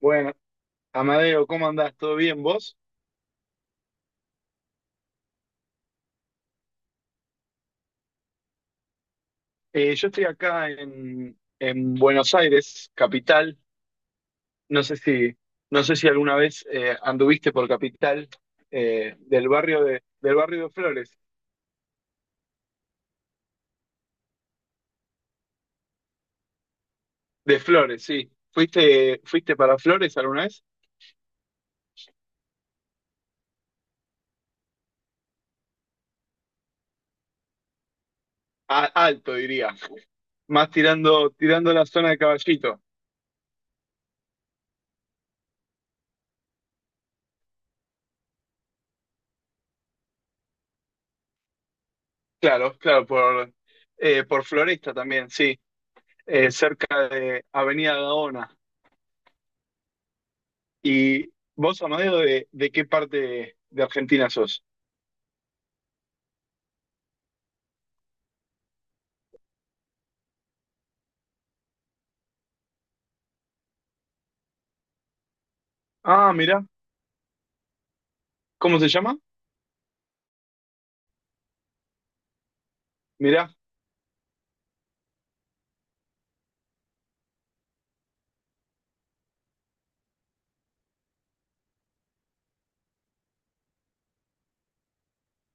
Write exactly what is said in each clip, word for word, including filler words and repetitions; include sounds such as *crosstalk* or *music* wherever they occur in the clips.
Bueno, Amadeo, ¿cómo andás? ¿Todo bien vos? Eh, yo estoy acá en, en Buenos Aires, capital. No sé si, no sé si alguna vez eh, anduviste por capital eh, del barrio de, del barrio de Flores. De Flores, sí. ¿Fuiste, fuiste para Flores alguna vez? A- alto, diría. Más tirando, tirando la zona de Caballito. Claro, claro, por, eh, por Floresta también, sí. Eh, cerca de Avenida Gaona. ¿Y vos, Amadeo, de, de qué parte de Argentina sos? Ah, mirá, ¿cómo se llama? Mirá,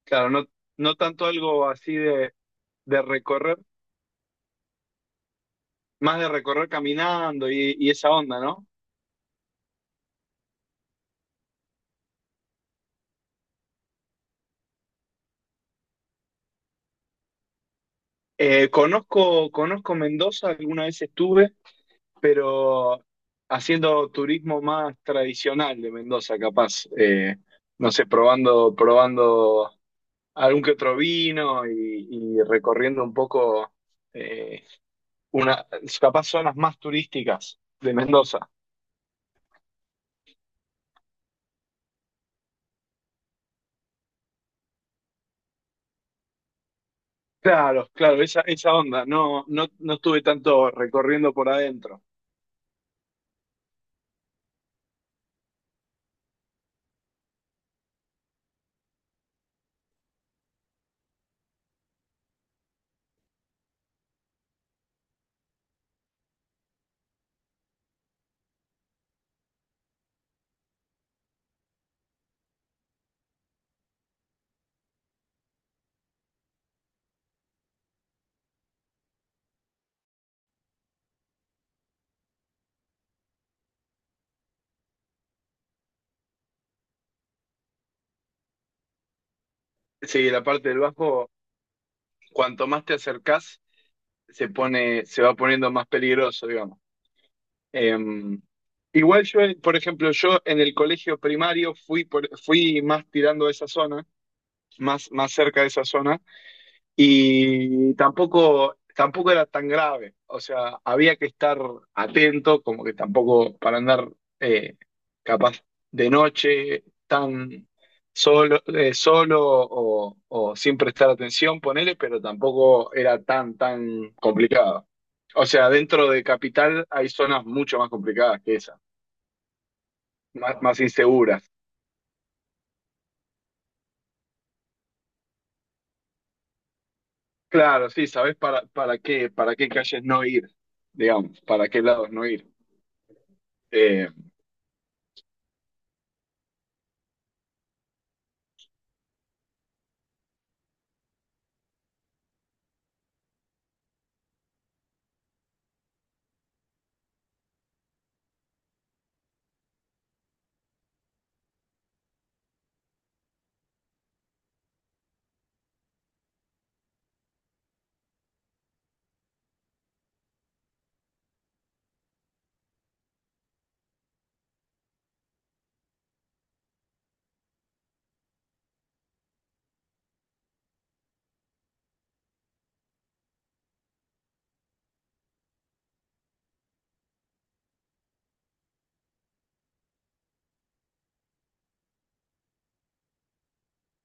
claro, no, no tanto algo así de, de recorrer, más de recorrer caminando y, y esa onda, ¿no? Eh, conozco, conozco Mendoza, alguna vez estuve, pero haciendo turismo más tradicional de Mendoza, capaz. eh, no sé, probando, probando algún que otro vino y, y recorriendo un poco eh, una, capaz zonas más turísticas de Mendoza. Claro, claro, esa, esa onda. No, no, no estuve tanto recorriendo por adentro. Sí, la parte del bajo, cuanto más te acercás, se pone, se va poniendo más peligroso, digamos. Eh, igual yo, por ejemplo, yo en el colegio primario fui, por- fui más tirando a esa zona, más, más cerca de esa zona. Y tampoco, tampoco era tan grave. O sea, había que estar atento, como que tampoco para andar eh, capaz de noche tan solo, eh, solo o, o sin prestar atención, ponele, pero tampoco era tan, tan complicado. O sea, dentro de Capital hay zonas mucho más complicadas que esas, más, más inseguras. Claro, sí, sabés para, para qué, para qué calles no ir, digamos, para qué lados no ir. Eh,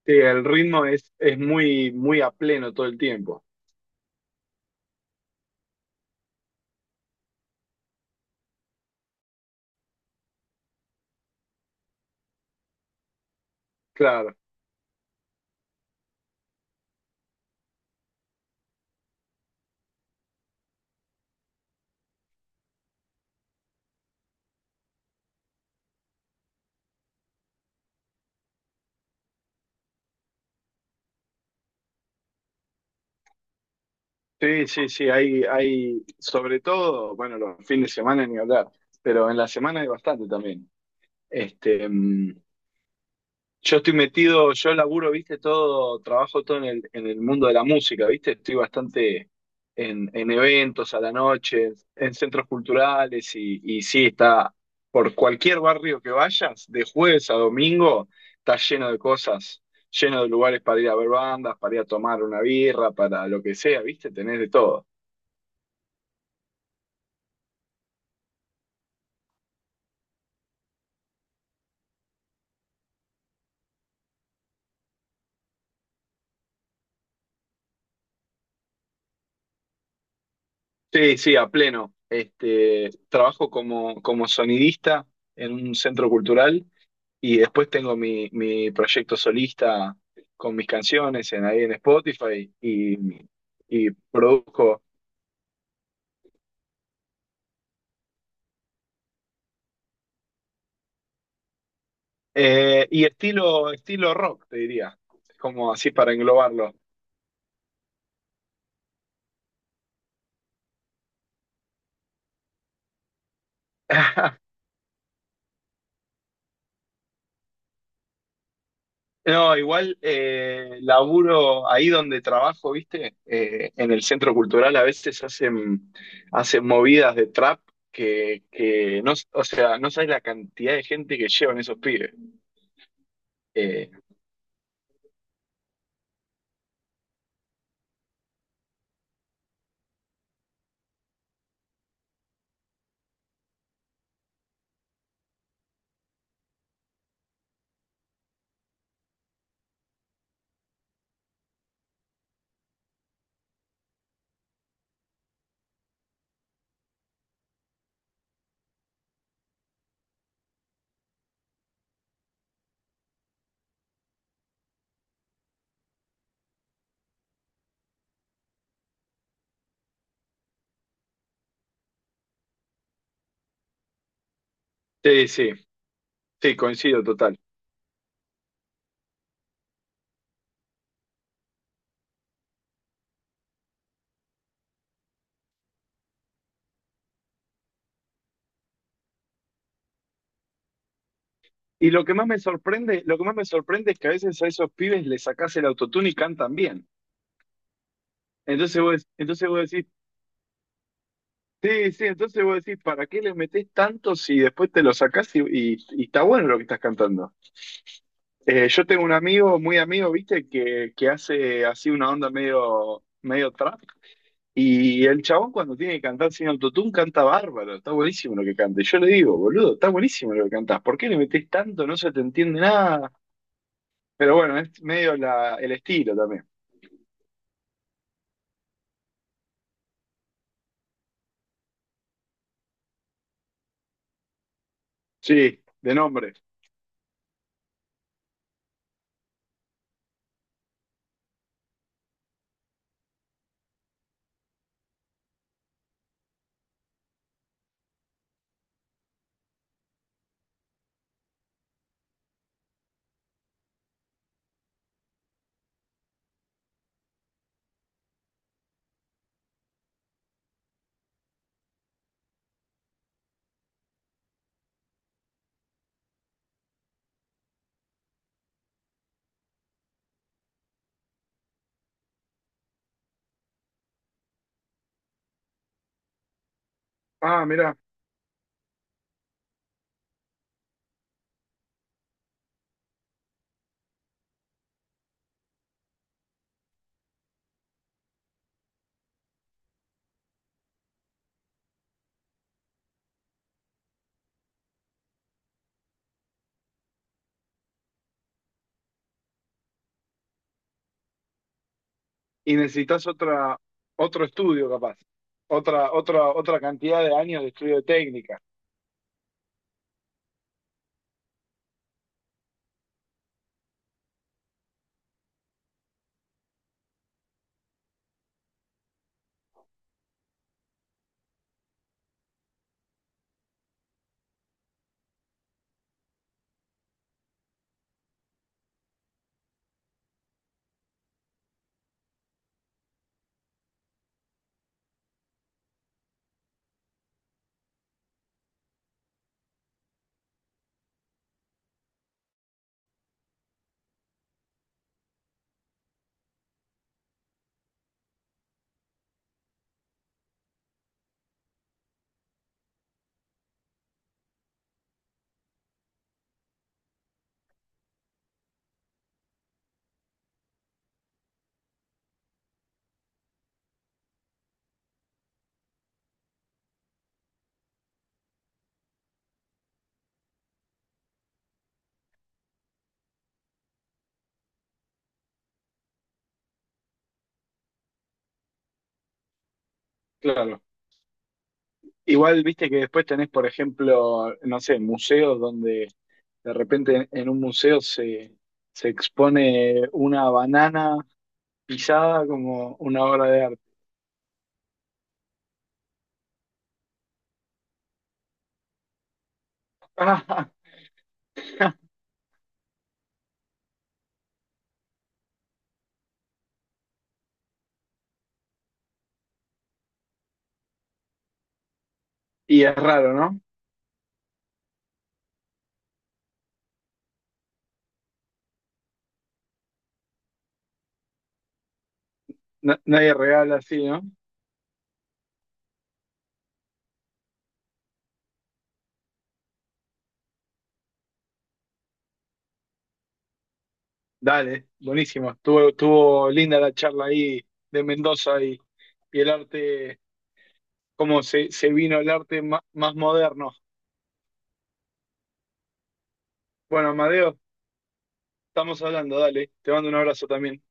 Sí, el ritmo es, es muy, muy a pleno todo el tiempo. Claro. Sí, sí, sí, hay, hay, sobre todo, bueno, los fines de semana ni hablar, pero en la semana hay bastante también. Este, mm, Yo estoy metido, yo laburo, viste, todo, trabajo todo en el, en el mundo de la música, viste, estoy bastante en, en eventos a la noche, en centros culturales y, y sí, está por cualquier barrio que vayas, de jueves a domingo, está lleno de cosas, lleno de lugares para ir a ver bandas, para ir a tomar una birra, para lo que sea, viste, tenés de todo. Sí, sí, a pleno. Este, trabajo como, como sonidista en un centro cultural y después tengo mi, mi proyecto solista con mis canciones en, ahí en Spotify y, y produzco. Eh, y estilo, estilo rock, te diría, como así para englobarlo. *laughs* No, igual eh, laburo ahí donde trabajo, ¿viste? Eh, en el centro cultural a veces hacen, hacen movidas de trap que, que no, o sea, no sabes la cantidad de gente que llevan esos pibes. Eh, sí, sí, sí, coincido total. Y lo que más me sorprende, lo que más me sorprende es que a veces a esos pibes les sacás el autotune y cantan bien. Entonces vos, entonces vos decís, sí, sí, entonces vos decís, ¿para qué les metés tanto si después te lo sacás y, y y está bueno lo que estás cantando? Eh, yo tengo un amigo, muy amigo, viste, que, que hace así una onda medio, medio trap. Y el chabón cuando tiene que cantar sin autotune canta bárbaro, está buenísimo lo que canta. Y yo le digo, boludo, está buenísimo lo que cantás. ¿Por qué le metés tanto? No se te entiende nada. Pero bueno, es medio la, el estilo también. Sí, de nombre. Ah, mirá. Y necesitas otra, otro estudio capaz. Otra, otra, otra cantidad de años de estudio de técnica. Claro. Igual, viste que después tenés, por ejemplo, no sé, museos donde de repente en un museo se, se expone una banana pisada como una obra de arte. *laughs* Y es raro, ¿no? Na- nadie regala así, ¿no? Dale, buenísimo. Estuvo, estuvo linda la charla ahí de Mendoza y, y el arte, cómo se, se vino el arte ma- más moderno. Bueno, Amadeo, estamos hablando, dale. Te mando un abrazo también.